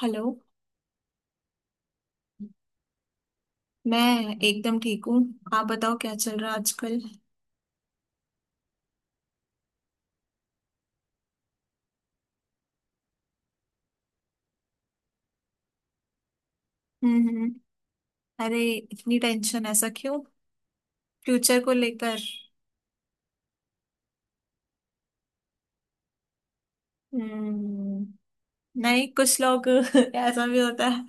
Hello. मैं एकदम ठीक हूँ। आप बताओ क्या चल रहा है आजकल। हम्म। अरे इतनी टेंशन ऐसा क्यों, फ्यूचर को लेकर? हम्म। नहीं, कुछ लोग ऐसा भी होता है।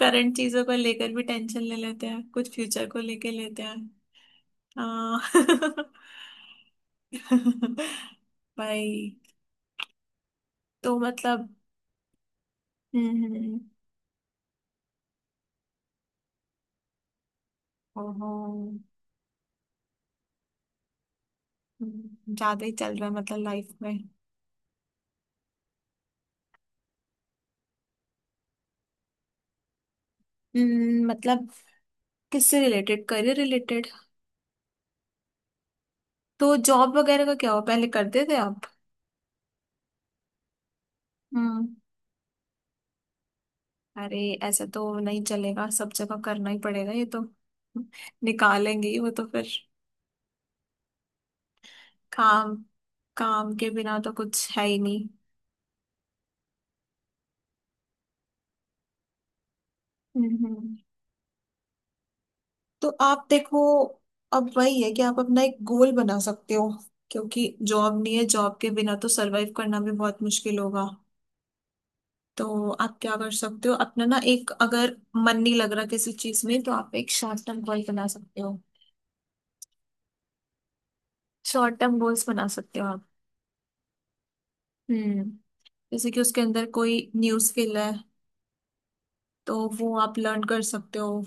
करंट चीजों को लेकर भी टेंशन ले लेते हैं कुछ, फ्यूचर को लेकर लेते हैं। हाँ भाई तो मतलब। हम्म हम्म, ओहो। ज्यादा ही चल रहा है मतलब लाइफ में। मतलब किससे रिलेटेड, करियर रिलेटेड? तो जॉब वगैरह का क्या हुआ, पहले करते थे आप? हम्म। अरे ऐसा तो नहीं चलेगा, सब जगह करना ही पड़ेगा ये तो, निकालेंगे ही वो तो फिर। काम, काम के बिना तो कुछ है ही नहीं। हम्म। तो आप देखो, अब वही है कि आप अपना एक गोल बना सकते हो, क्योंकि जॉब नहीं है, जॉब के बिना तो सरवाइव करना भी बहुत मुश्किल होगा। तो आप क्या कर सकते हो अपना ना, एक अगर मन नहीं लग रहा किसी चीज में तो आप एक शॉर्ट टर्म गोल बना सकते हो। शॉर्ट टर्म गोल्स बना सकते हो। हम्म। जैसे कि उसके अंदर कोई न्यू स्किल है तो वो आप लर्न कर सकते हो।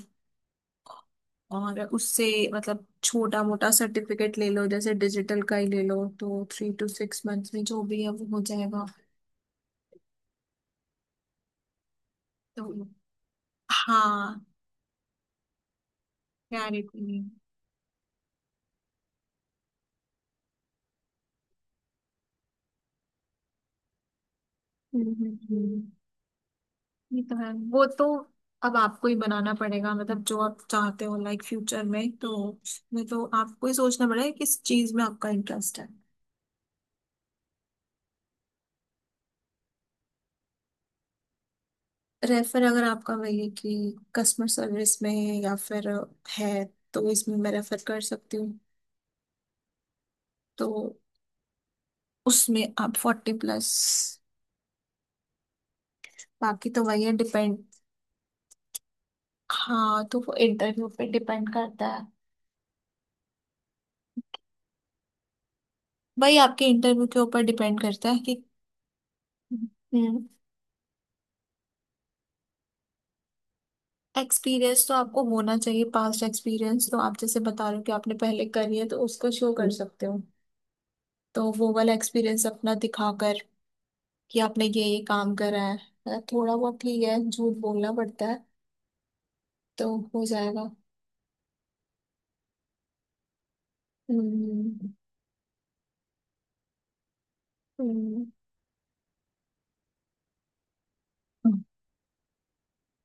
और उससे मतलब छोटा मोटा सर्टिफिकेट ले लो, जैसे डिजिटल का ही ले लो तो थ्री टू सिक्स मंथ्स में जो भी है वो हो जाएगा। तो हाँ, क्लैरिटी। हम्म हम्म, हम्म। ये तो है, वो तो अब आपको ही बनाना पड़ेगा मतलब जो आप चाहते हो लाइक फ्यूचर में, तो उसमें तो आपको ही सोचना पड़ेगा किस चीज में आपका इंटरेस्ट है। रेफर, अगर आपका वही कि कस्टमर सर्विस में या फिर है, तो इसमें मैं रेफर कर सकती हूँ। तो उसमें आप फोर्टी प्लस, बाकी तो वही है डिपेंड। हाँ, तो वो इंटरव्यू पे डिपेंड करता है। वही आपके इंटरव्यू के ऊपर डिपेंड करता है कि। हम्म। एक्सपीरियंस तो आपको होना चाहिए, पास्ट एक्सपीरियंस तो आप जैसे बता रहे हो कि आपने पहले करी है तो उसको शो कर सकते हो। तो वो वाला एक्सपीरियंस अपना दिखाकर कि आपने ये काम करा है मतलब। थोड़ा बहुत ठीक है, झूठ बोलना पड़ता है। तो हो जाएगा। हम्म हम्म।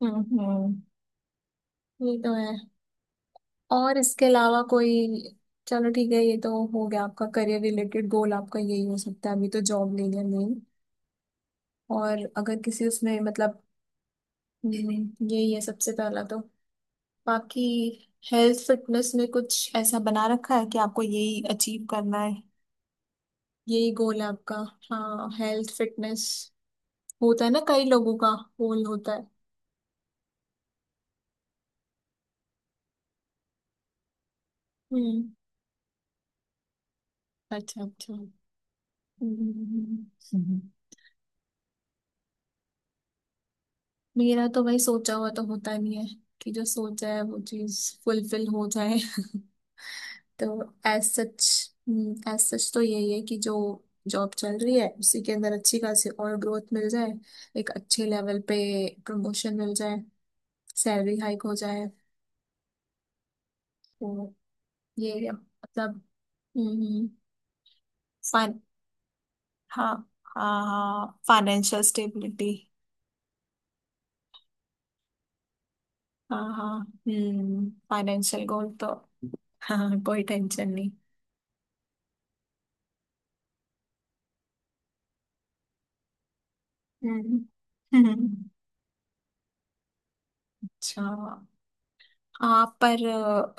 हम्म हम्म, ये तो है। और इसके अलावा कोई, चलो ठीक है, ये तो हो गया आपका करियर रिलेटेड गोल, आपका यही हो सकता है अभी तो, जॉब ले लिया नहीं। और अगर किसी उसमें मतलब, यही है सबसे पहला तो। बाकी हेल्थ फिटनेस में कुछ ऐसा बना रखा है कि आपको यही अचीव करना है? यही गोल है आपका? हाँ, हेल्थ फिटनेस। होता है ना, कई लोगों का गोल होता है। हम्म। अच्छा अच्छा। हम्म। हम्म। मेरा तो भाई सोचा हुआ तो होता नहीं है कि जो सोचा है वो चीज फुलफिल हो जाए तो एज सच, एज सच तो यही है कि जो जॉब चल रही है उसी के अंदर अच्छी खासी और ग्रोथ मिल जाए, एक अच्छे लेवल पे प्रमोशन मिल जाए, सैलरी हाइक हो जाए। तो ये है, मतलब। फाइन। हाँ। हाँ हाँ, फाइनेंशियल स्टेबिलिटी। हाँ हाँ। हम्म, फाइनेंशियल गोल तो। हाँ, कोई टेंशन नहीं। हम्म हम्म, अच्छा। हाँ पर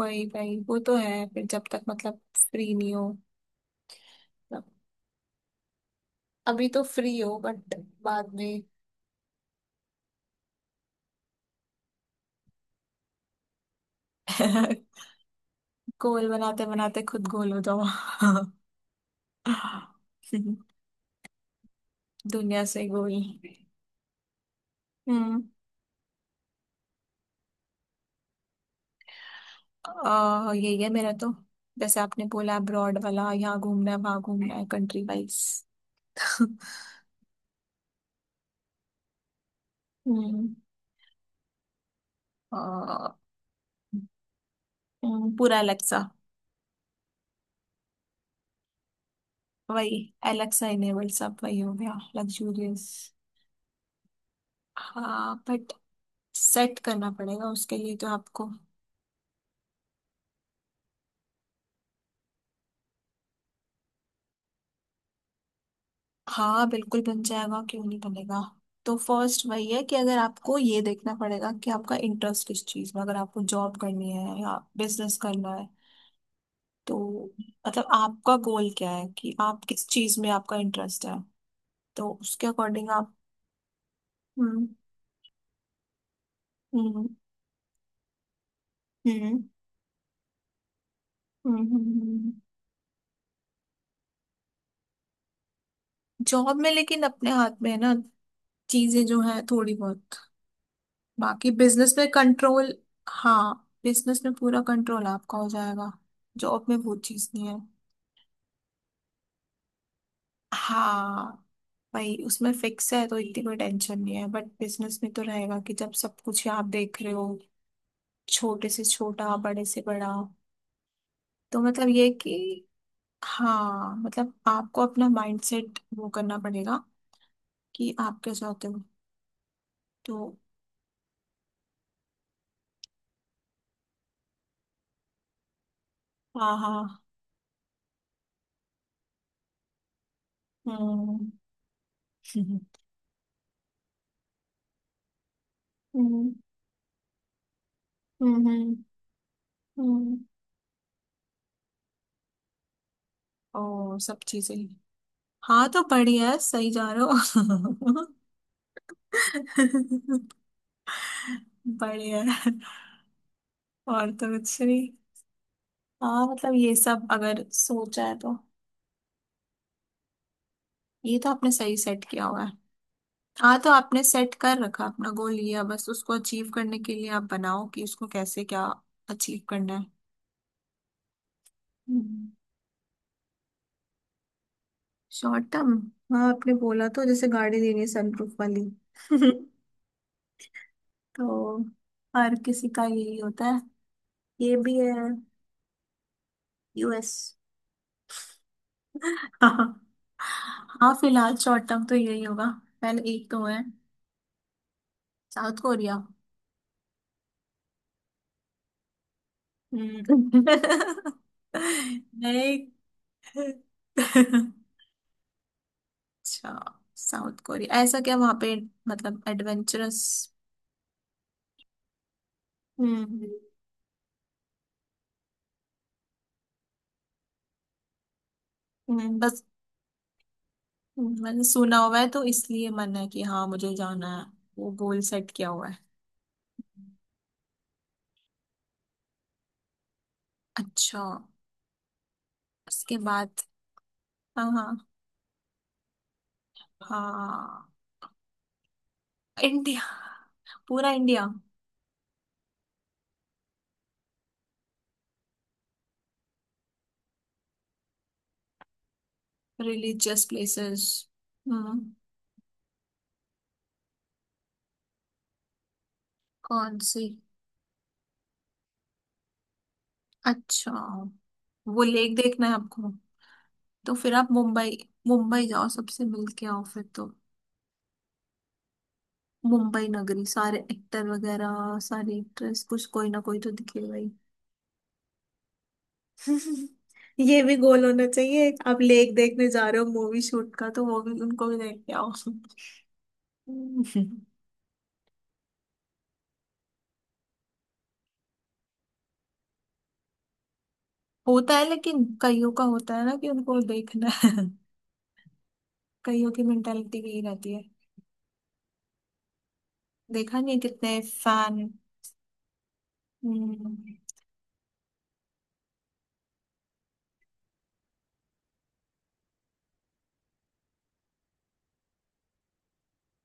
वही वही, वो तो है फिर, जब तक मतलब फ्री नहीं हो मतलब। अभी तो फ्री हो बट बाद में। गोल बनाते बनाते खुद गोल हो जाओ दुनिया से गोल। हम्म, यही है मेरा तो, जैसे आपने बोला अब्रॉड वाला, यहाँ घूमना है वहां घूमना है कंट्री वाइज हम्म। अ, पूरा एलेक्सा। वही, एलेक्सा इनेबल सब वही हो गया लग्जूरियस। हाँ बट सेट करना पड़ेगा उसके लिए तो आपको। हाँ बिल्कुल बन जाएगा, क्यों नहीं बनेगा? तो फर्स्ट वही है कि अगर आपको ये देखना पड़ेगा कि आपका इंटरेस्ट किस चीज़ में, अगर आपको जॉब करनी है या बिजनेस करना है। तो मतलब आपका गोल क्या है कि आप किस चीज़ में, आपका इंटरेस्ट है। तो उसके अकॉर्डिंग आप। हम्म हम्म। हम्म हम्म हम्म, हम्म, हम्म, जॉब में लेकिन अपने हाथ में है ना चीजें जो है थोड़ी बहुत, बाकी बिजनेस में कंट्रोल। हाँ, बिजनेस में पूरा कंट्रोल आपका हो जाएगा, जॉब में वो चीज नहीं है। हाँ भाई, उसमें फिक्स है तो इतनी कोई टेंशन नहीं है, बट बिजनेस में तो रहेगा कि जब सब कुछ ही आप देख रहे हो, छोटे से छोटा बड़े से बड़ा। तो मतलब ये कि हाँ, मतलब आपको अपना माइंडसेट वो करना पड़ेगा कि आप क्या चाहते हो। तो हाँ हाँ। हम्म हम्म हम्म हम्म हम्म। ओ सब चीजें। हाँ तो बढ़िया है, सही जा रहे हो बढ़िया है। और तो कुछ नहीं। हाँ मतलब ये सब अगर सोचा है तो, ये तो आपने सही सेट किया हुआ है। हाँ तो आपने सेट कर रखा अपना गोल लिया, बस उसको अचीव करने के लिए आप बनाओ कि उसको कैसे क्या अचीव करना है। शॉर्ट टर्म, हाँ आपने बोला तो, जैसे गाड़ी लेनी है सनप्रूफ वाली तो हर किसी का यही होता है, ये भी है। यूएस। हाँ हाँ फिलहाल शॉर्ट टर्म तो यही होगा, पहले एक तो है। South Korea. हम्म। नहीं, अच्छा साउथ कोरिया ऐसा क्या वहां पे, मतलब एडवेंचरस? हम्म। बस मैंने सुना हुआ है तो इसलिए मन है कि हाँ, मुझे जाना है। वो गोल सेट किया हुआ है। अच्छा, उसके बाद। हाँ हाँ। हाँ। इंडिया, पूरा इंडिया। Religious places. हम्म। कौन सी? अच्छा, वो लेक देखना है आपको। तो फिर आप मुंबई, मुंबई जाओ सबसे मिल के आओ फिर तो। मुंबई नगरी, सारे एक्टर वगैरह सारी एक्ट्रेस, कुछ कोई ना कोई तो दिखेगा ही। ये भी गोल होना चाहिए, आप लेक देखने जा रहे हो मूवी शूट का, तो वो भी, उनको भी देख के आओ होता है लेकिन, कईयों का होता है ना कि उनको देखना है। कईयों की मेंटालिटी यही रहती है, देखा नहीं है कितने फैन।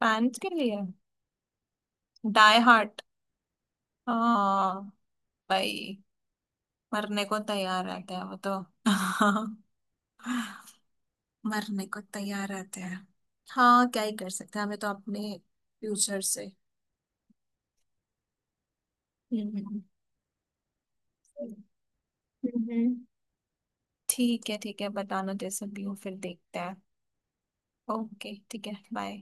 फैंस के लिए। Die heart. हाँ भाई, मरने को तैयार रहते हैं वो तो मरने को तैयार रहते हैं। हाँ, क्या ही कर सकते हैं, हमें तो अपने फ्यूचर से। हम्म। हम्म। ठीक है ठीक है, बताना जैसे भी हो, फिर देखते हैं। ओके ठीक है, बाय।